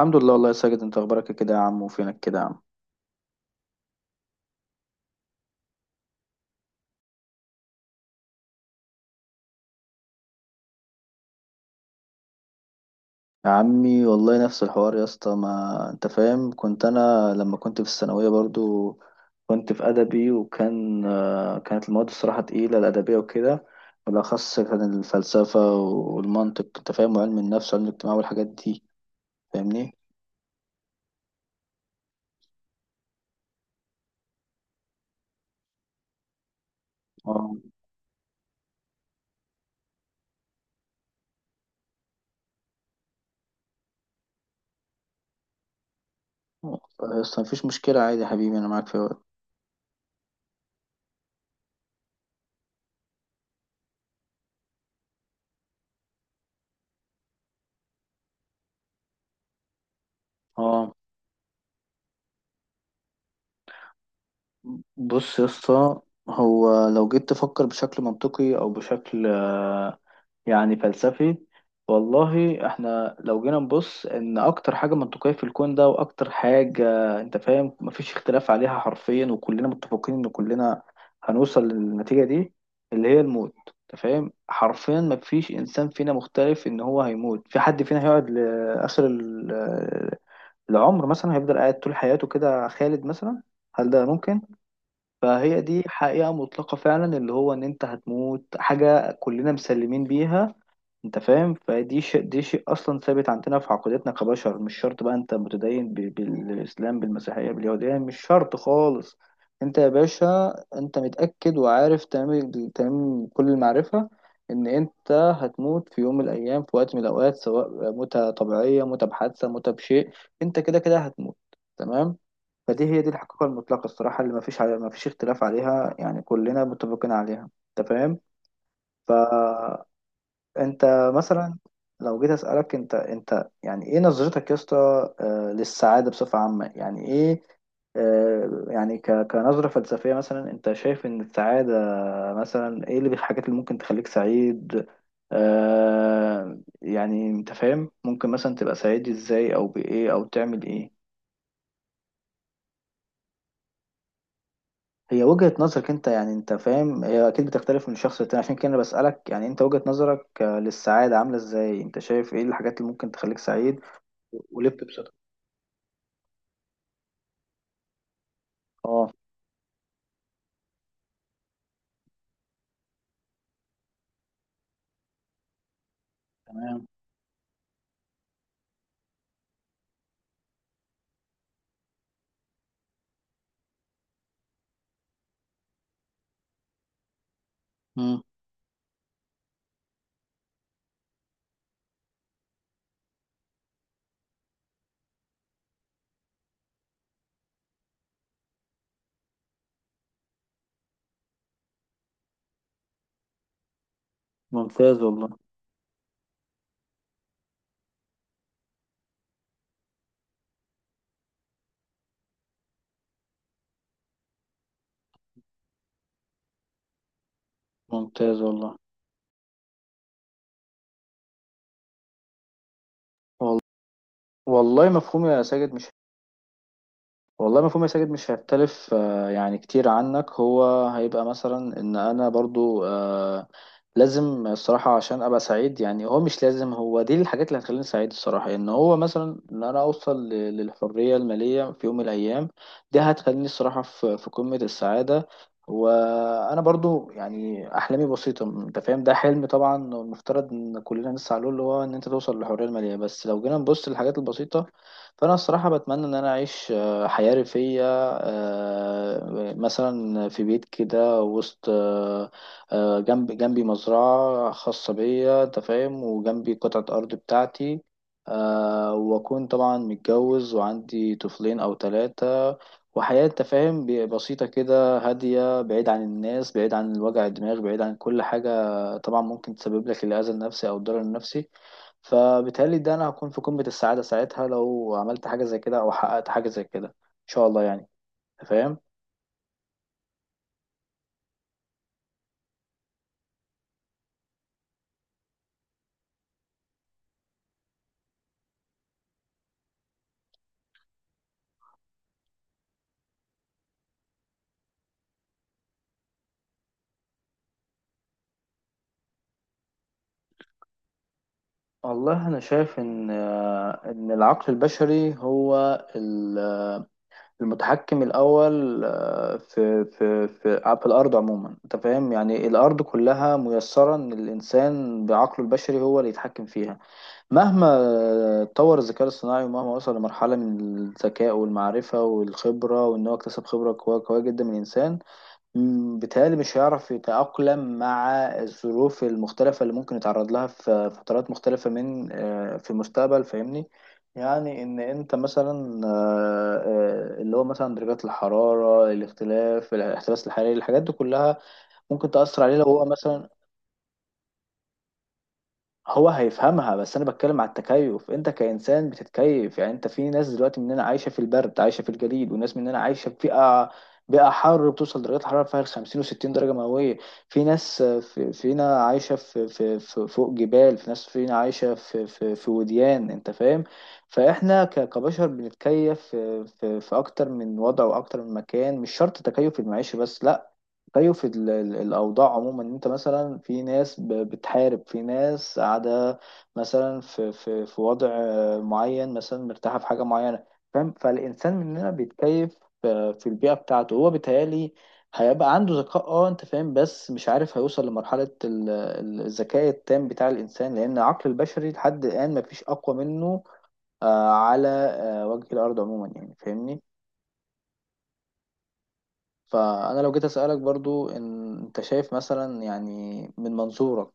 الحمد لله والله يا ساجد، انت اخبارك إيه كده يا عم؟ وفينك كده يا عم؟ يا عمي والله نفس الحوار يا اسطى، ما انت فاهم، كنت انا لما كنت في الثانويه برضو، كنت في ادبي، وكان آه، كانت المواد الصراحه تقيله الادبيه وكده. بالاخص كان الفلسفه والمنطق، انت فاهم، وعلم النفس وعلم الاجتماع والحاجات دي. فاهمني؟ اه، يا اسطى مفيش مشكله عادي يا حبيبي، انا معاك في الوقت. اه، بص يا اسطى، هو لو جيت تفكر بشكل منطقي او بشكل يعني فلسفي، والله احنا لو جينا نبص ان اكتر حاجة منطقية في الكون ده واكتر حاجة، انت فاهم، مفيش اختلاف عليها حرفيا، وكلنا متفقين ان كلنا هنوصل للنتيجة دي اللي هي الموت. انت فاهم، حرفيا مفيش انسان فينا مختلف ان هو هيموت، في حد فينا هيقعد لاخر العمر مثلا؟ هيفضل قاعد طول حياته كده خالد مثلا؟ هل ده ممكن؟ فهي دي حقيقة مطلقة فعلا، اللي هو ان انت هتموت، حاجة كلنا مسلمين بيها. انت فاهم، فدي شيء اصلا ثابت عندنا في عقيدتنا كبشر. مش شرط بقى انت متدين بالاسلام، بالمسيحيه، باليهوديه، مش شرط خالص. انت يا باشا انت متاكد وعارف تمام تمام كل المعرفه ان انت هتموت في يوم من الايام، في وقت من الاوقات، سواء موتة طبيعيه، موتة بحادثه، موتة بشيء، انت كده كده هتموت، تمام؟ فدي هي دي الحقيقه المطلقه الصراحه، اللي ما فيش اختلاف عليها، يعني كلنا متفقين عليها. انت فاهم، ف انت مثلا، لو جيت اسالك انت يعني ايه نظرتك يا اسطى، للسعاده بصفه عامه، يعني ايه؟ يعني كنظره فلسفيه مثلا، انت شايف ان السعاده مثلا ايه اللي الحاجات اللي ممكن تخليك سعيد؟ يعني انت فاهم، ممكن مثلا تبقى سعيد ازاي او بايه او تعمل ايه؟ هي وجهة نظرك انت، يعني انت فاهم، هي اكيد بتختلف من شخص للتاني، عشان كده انا بسألك، يعني انت وجهة نظرك للسعادة عاملة ازاي؟ انت شايف ايه الحاجات اللي ممكن تخليك سعيد ولب بصدق؟ اه. تمام. مم. ممتاز والله. ممتاز والله. وال- والله مفهوم يا ساجد مش والله مفهوم يا ساجد، مش هيختلف يعني كتير عنك. هو هيبقى مثلا ان انا برضو لازم الصراحة عشان ابقى سعيد. يعني هو مش لازم، هو دي الحاجات اللي هتخليني سعيد الصراحة، ان هو مثلا ان انا اوصل للحرية المالية في يوم من الايام. دي هتخليني الصراحة في قمة السعادة. وانا برضو يعني احلامي بسيطة، انت فاهم، ده حلم طبعا المفترض ان كلنا نسعى له، اللي هو ان انت توصل للحرية المالية. بس لو جينا نبص للحاجات البسيطة، فانا الصراحه بتمنى ان انا اعيش حياة ريفية، مثلا في بيت كده وسط، جنب جنبي مزرعة خاصة بيا، أنت فاهم، وجنبي قطعة أرض بتاعتي، وأكون طبعا متجوز وعندي طفلين أو ثلاثة، وحياة أنت فاهم بسيطة كده هادية، بعيد عن الناس، بعيد عن الوجع الدماغ، بعيد عن كل حاجة طبعا ممكن تسبب لك الأذى النفسي أو الضرر النفسي. فبالتهيألي ده أنا هكون في قمة السعادة ساعتها لو عملت حاجة زي كده أو حققت حاجة زي كده. شاء الله يعني، أنت فاهم. والله انا شايف ان العقل البشري هو ال- المتحكم الاول، في الارض عموما. انت فاهم، يعني الارض كلها ميسره ان الانسان بعقله البشري هو اللي يتحكم فيها. مهما اتطور الذكاء الاصطناعي، ومهما وصل لمرحله من الذكاء والمعرفه والخبره، وان هو اكتسب خبره قويه قويه جدا من الانسان، بيتهيألي مش هيعرف يتأقلم مع الظروف المختلفة اللي ممكن يتعرض لها في فترات مختلفة من آه، في المستقبل. فاهمني؟ يعني إن أنت مثلا اللي هو مثلا درجات الحرارة، الاختلاف، الاحتباس الحراري، الحاجات دي كلها ممكن تأثر عليه لو هو مثلا. هو هيفهمها، بس انا بتكلم على التكيف. انت كانسان بتتكيف، يعني انت في ناس دلوقتي مننا عايشه في البرد، عايشه في الجليد، وناس مننا عايشه في بيئه حر بتوصل درجات حراره فيها 50 و60 درجه مئويه. في ناس في فينا عايشه في فوق جبال، في ناس فينا عايشه في وديان، انت فاهم. فاحنا كبشر بنتكيف في اكتر من وضع واكتر من مكان. مش شرط تكيف المعيشه بس، لا، زيه في الأوضاع عموما. إن أنت مثلا في ناس بتحارب، في ناس قاعدة مثلا في وضع معين، مثلا مرتاحة في حاجة معينة. فاهم، فالإنسان مننا بيتكيف في البيئة بتاعته. هو بيتهيألي هيبقى عنده ذكاء، انت فاهم، بس مش عارف هيوصل لمرحلة الذكاء التام بتاع الإنسان، لأن العقل البشري لحد الآن مفيش أقوى منه على وجه الأرض عموما، يعني. فاهمني؟ فأنا لو جيت أسألك برضو، إن أنت شايف مثلا يعني من منظورك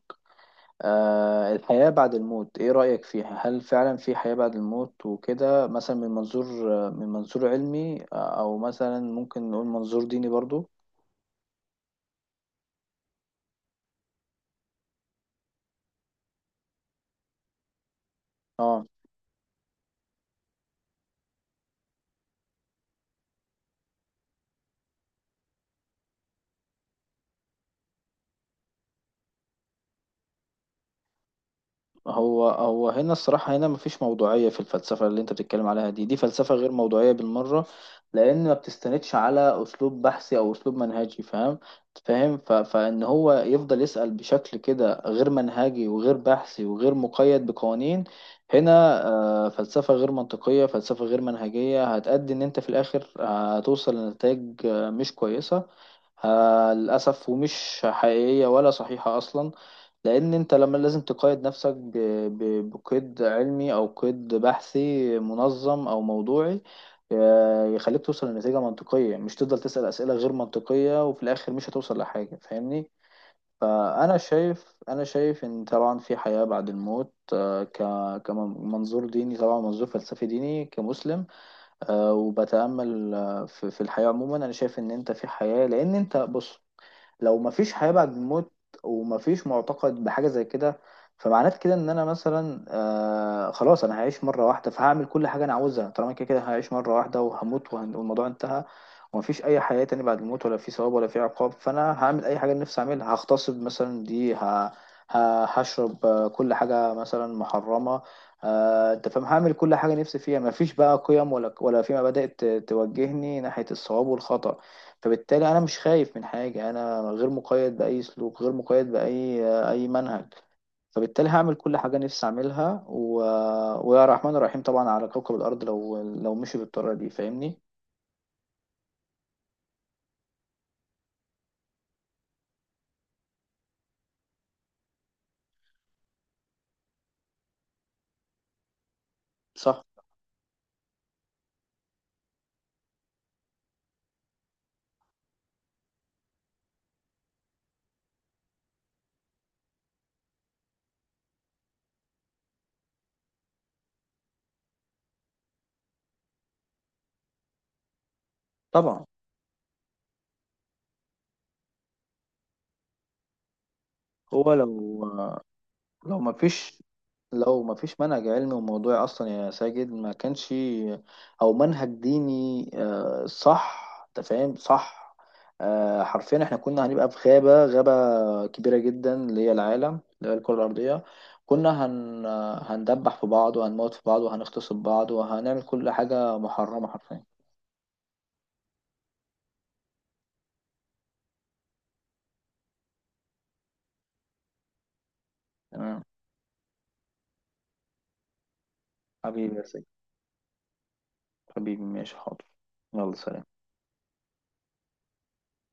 الحياة بعد الموت إيه رأيك فيها؟ هل فعلا في حياة بعد الموت وكده، مثلا من منظور علمي، أو مثلا ممكن نقول منظور ديني برضو؟ آه. هو هنا الصراحة، هنا مفيش موضوعية في الفلسفة اللي انت بتتكلم عليها دي فلسفة غير موضوعية بالمرة، لأن ما بتستندش على أسلوب بحثي أو أسلوب منهجي. فاهم، فإن هو يفضل يسأل بشكل كده غير منهجي وغير بحثي وغير مقيد بقوانين. هنا فلسفة غير منطقية، فلسفة غير منهجية، هتأدي إن انت في الآخر هتوصل لنتائج مش كويسة، للأسف، ومش حقيقية ولا صحيحة أصلا. لان انت لما لازم تقيد نفسك بقيد علمي او قيد بحثي منظم او موضوعي، يخليك توصل لنتيجة منطقية، مش تفضل تسأل أسئلة غير منطقية وفي الآخر مش هتوصل لحاجة. فاهمني؟ فأنا شايف أنا شايف إن طبعا في حياة بعد الموت، كمنظور ديني، طبعا منظور فلسفي ديني كمسلم. وبتأمل في الحياة عموما، أنا شايف إن أنت في حياة، لأن أنت بص. لو مفيش حياة بعد الموت ومفيش معتقد بحاجة زي كده، فمعناه كده ان انا مثلا خلاص، انا هعيش مرة واحدة، فهعمل كل حاجة انا عاوزها طالما كده كده هعيش مرة واحدة وهموت، والموضوع انتهى. ومفيش اي حياة تاني بعد الموت، ولا في ثواب ولا في عقاب، فانا هعمل اي حاجة أنا نفسي اعملها. هغتصب مثلا، هشرب كل حاجة مثلا محرمة. انت فاهم، هعمل كل حاجة نفسي فيها. مفيش بقى قيم، ولا في مبادئ توجهني ناحية الصواب والخطأ. فبالتالي انا مش خايف من حاجه، انا غير مقيد باي سلوك، غير مقيد باي منهج. فبالتالي هعمل كل حاجه نفسي اعملها، ويا رحمن الرحيم طبعا على كوكب الارض لو لو مشي بالطريقه دي. فاهمني؟ صح، طبعا. هو لو ما فيش، لو ما فيش منهج علمي وموضوعي اصلا يا ساجد، ما كانش، او منهج ديني، صح انت فاهم، صح. حرفيا احنا كنا هنبقى في غابة كبيرة جدا اللي هي العالم اللي هي الكرة الأرضية. كنا هندبح في بعض، وهنموت في بعض، وهنغتصب بعض، وهنعمل كل حاجة محرمة حرفيا. تمام. حبيبي يا ساجد، حبيبي، ماشي، حاضر، يلا سلام.